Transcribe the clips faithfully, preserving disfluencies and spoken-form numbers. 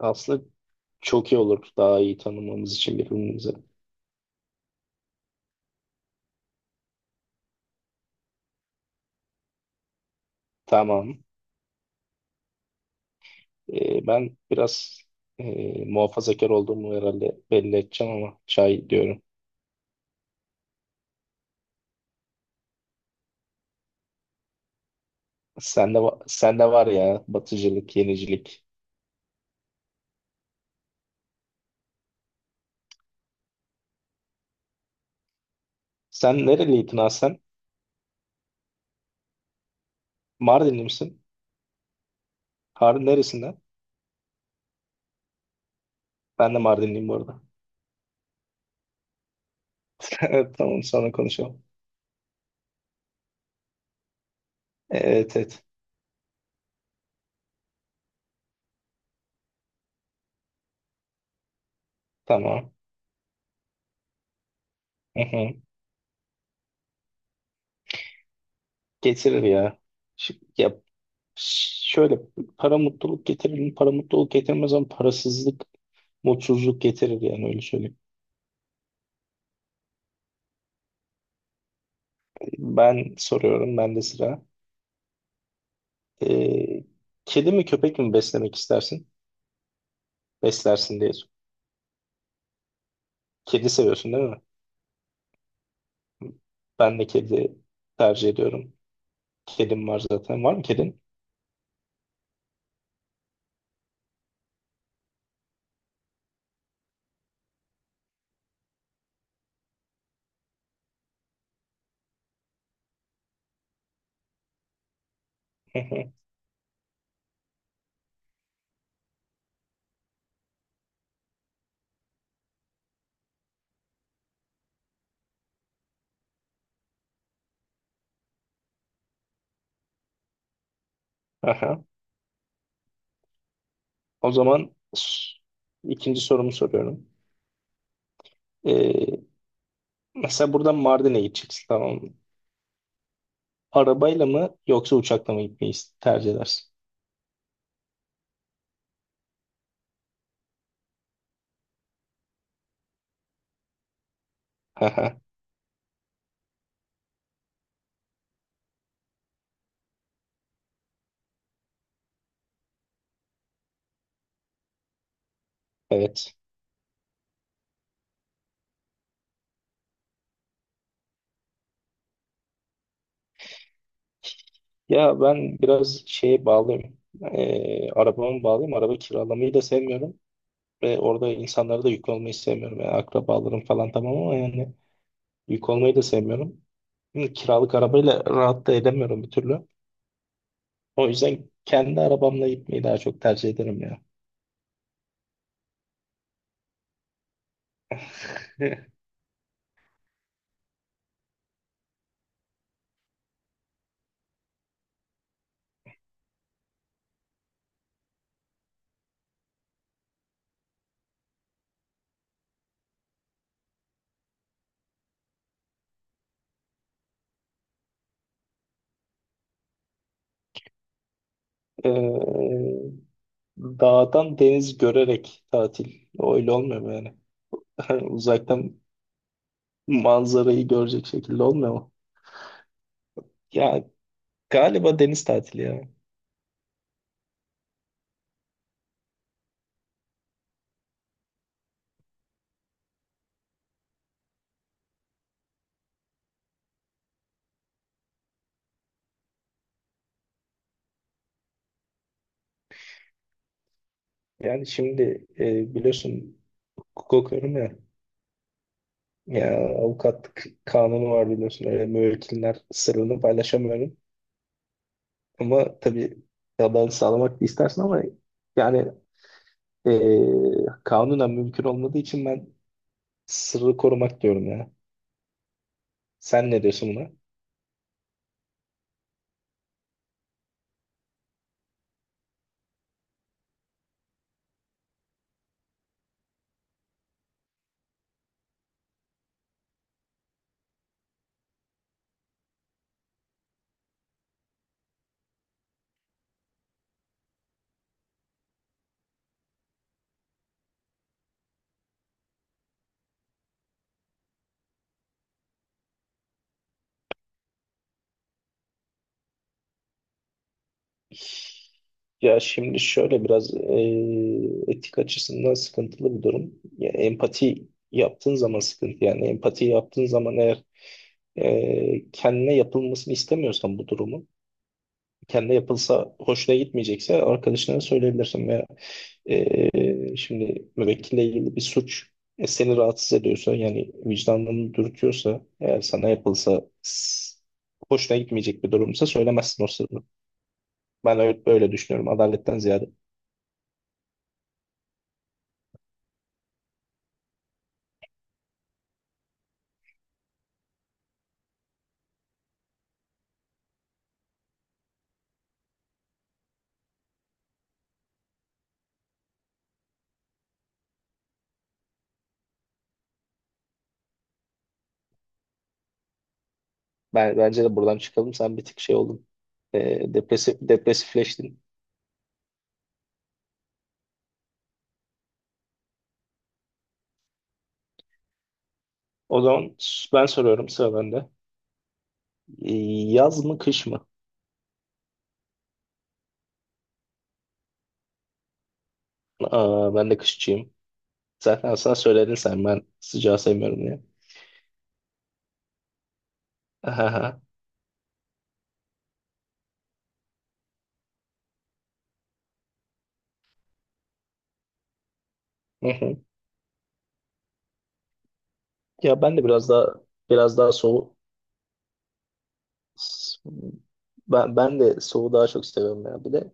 Aslında çok iyi olur daha iyi tanımamız için birbirimizi. Tamam. Ee, ben biraz e, muhafazakar olduğumu herhalde belli edeceğim ama çay diyorum. Sende, va- sende var ya batıcılık, yenicilik. Sen nereliydin ha sen? Mardinli misin? Harun neresinden? Ben de Mardinliyim bu arada. Evet, tamam sonra konuşalım. Evet, evet. Tamam. Hı hı. Getirir ya. Şu- ya ş- şöyle para mutluluk getirir mi? Para mutluluk getirmez ama parasızlık mutsuzluk getirir, yani öyle söyleyeyim. Ben soruyorum, ben de sıra. Ee, kedi mi köpek mi beslemek istersin? Beslersin diye. sor- Kedi seviyorsun değil mi? Ben de kedi tercih ediyorum. Kedim var zaten. Var mı kedin? Hı hı. Aha. O zaman s- ikinci sorumu soruyorum. Ee, mesela buradan Mardin'e gideceksin, tamam mı? Arabayla mı yoksa uçakla mı gitmeyi tercih edersin? Evet. Ya ben biraz şeye bağlıyım. Ee, arabama bağlıyım. Araba kiralamayı da sevmiyorum. Ve orada insanlara da yük olmayı sevmiyorum. Yani akrabalarım falan tamam ama yani yük olmayı da sevmiyorum. Şimdi kiralık arabayla rahat da edemiyorum bir türlü. O yüzden kendi arabamla gitmeyi daha çok tercih ederim ya. Ee, dağdan deniz görerek tatil. Öyle olmuyor mu yani? Uzaktan manzarayı görecek şekilde olmuyor mu? Ya galiba deniz tatili ya. Yani şimdi e, biliyorsun hukuk okuyorum ya. Ya avukatlık kanunu var biliyorsun. Öyle müvekkiller sırrını paylaşamıyorum. Ama tabii adalet sağlamak da istersin ama yani e, kanunen mümkün olmadığı için ben sırrı korumak diyorum ya. Sen ne diyorsun? Ya şimdi şöyle biraz e, etik açısından sıkıntılı bir durum. Ya empati yaptığın zaman sıkıntı, yani empati yaptığın zaman eğer e, kendine yapılmasını istemiyorsan bu durumu, kendine yapılsa hoşuna gitmeyecekse arkadaşlarına söyleyebilirsin veya e, şimdi müvekkille ilgili bir suç e, seni rahatsız ediyorsa, yani vicdanını dürtüyorsa, eğer sana yapılsa s- hoşuna gitmeyecek bir durumsa söylemezsin o sırrı. Ben öyle, öyle düşünüyorum adaletten ziyade. Ben, bence de buradan çıkalım. Sen bir tık şey oldun. Ee, depresif, depresifleştin. O zaman s- ben soruyorum, sıra bende. Ee, Yaz mı kış mı? Aa, ben de kışçıyım. Zaten aslında söyledin sen, ben sıcağı sevmiyorum diye. Aha. Hı hı. Ya ben de biraz daha, biraz daha soğuk, ben, ben de soğuğu daha çok seviyorum ya. Bir de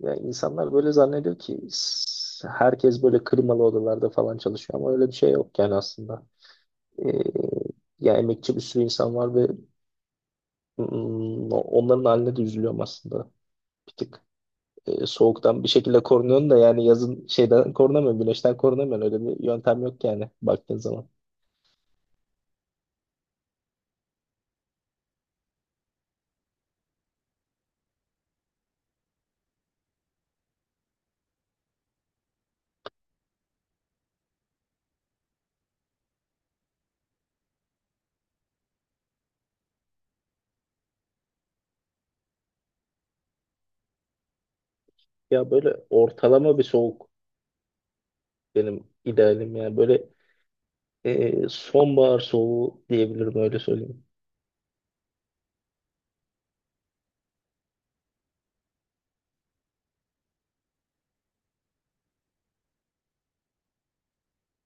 ya insanlar böyle zannediyor ki s- herkes böyle kırmalı odalarda falan çalışıyor ama öyle bir şey yok yani aslında. Ee, ya emekçi bir sürü insan var ve Hmm, onların haline de üzülüyorum aslında. Bir tık e, soğuktan bir şekilde korunuyorsun da yani yazın şeyden korunamıyorsun, güneşten korunamıyorsun. Öyle bir yöntem yok yani baktığın zaman. Ya böyle ortalama bir soğuk benim idealim yani. Böyle e, sonbahar soğuğu diyebilirim, öyle söyleyeyim.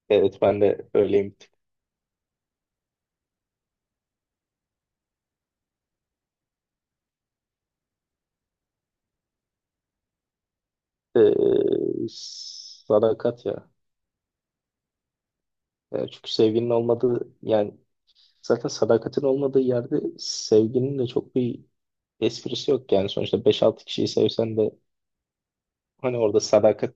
Evet, ben de öyleyim. E, sadakat ya. E, çünkü sevginin olmadığı yani zaten sadakatin olmadığı yerde sevginin de çok bir esprisi yok, yani sonuçta beş altı kişiyi sevsen de hani orada sadakat,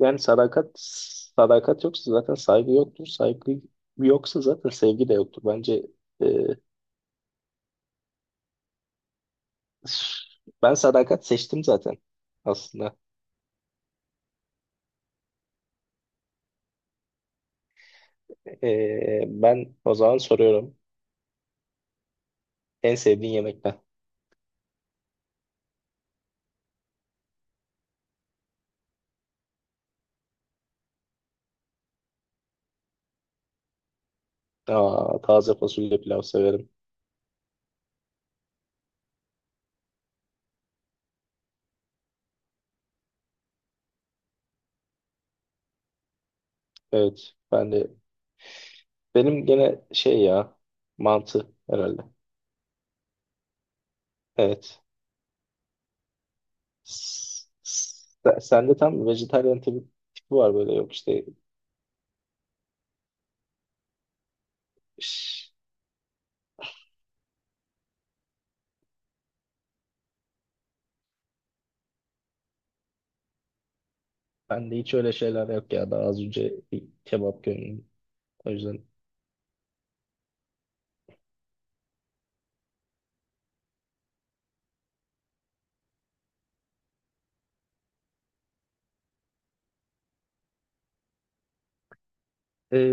yani sadakat sadakat yoksa zaten saygı yoktur. Saygı yoksa zaten sevgi de yoktur. Bence e, ben sadakat seçtim zaten aslında. E, ben o zaman soruyorum. En sevdiğin yemekten. Aa, taze fasulye pilav severim. Evet. Ben de benim gene şey ya, mantı herhalde. Evet. S- s- Sende tam vejetaryen tipi, tipi var böyle, yok işte ş- ben de hiç öyle şeyler yok ya. Daha az önce bir kebap gömdüm. O yüzden. Ee,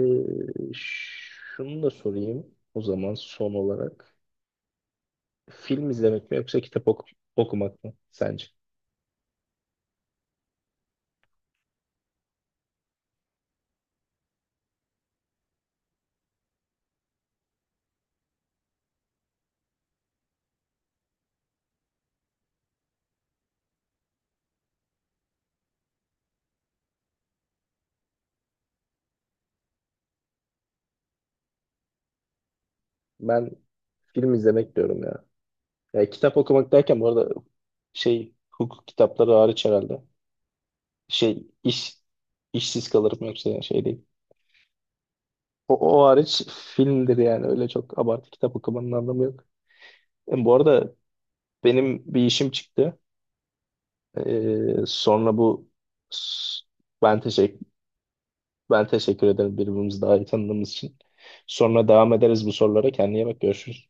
şunu da sorayım o zaman son olarak. Film izlemek mi yoksa kitap oku- okumak mı sence? Ben film izlemek diyorum ya. Ya kitap okumak derken bu arada şey, hukuk kitapları hariç herhalde. Şey, iş işsiz kalırım yoksa, yani şey değil. O, o hariç filmdir yani, öyle çok abartı kitap okumanın anlamı yok. E, bu arada benim bir işim çıktı. Ee, sonra bu s- ben teşekkür ben teşekkür ederim birbirimizi daha iyi tanıdığımız için. Sonra devam ederiz bu sorulara. Kendine iyi bak, görüşürüz.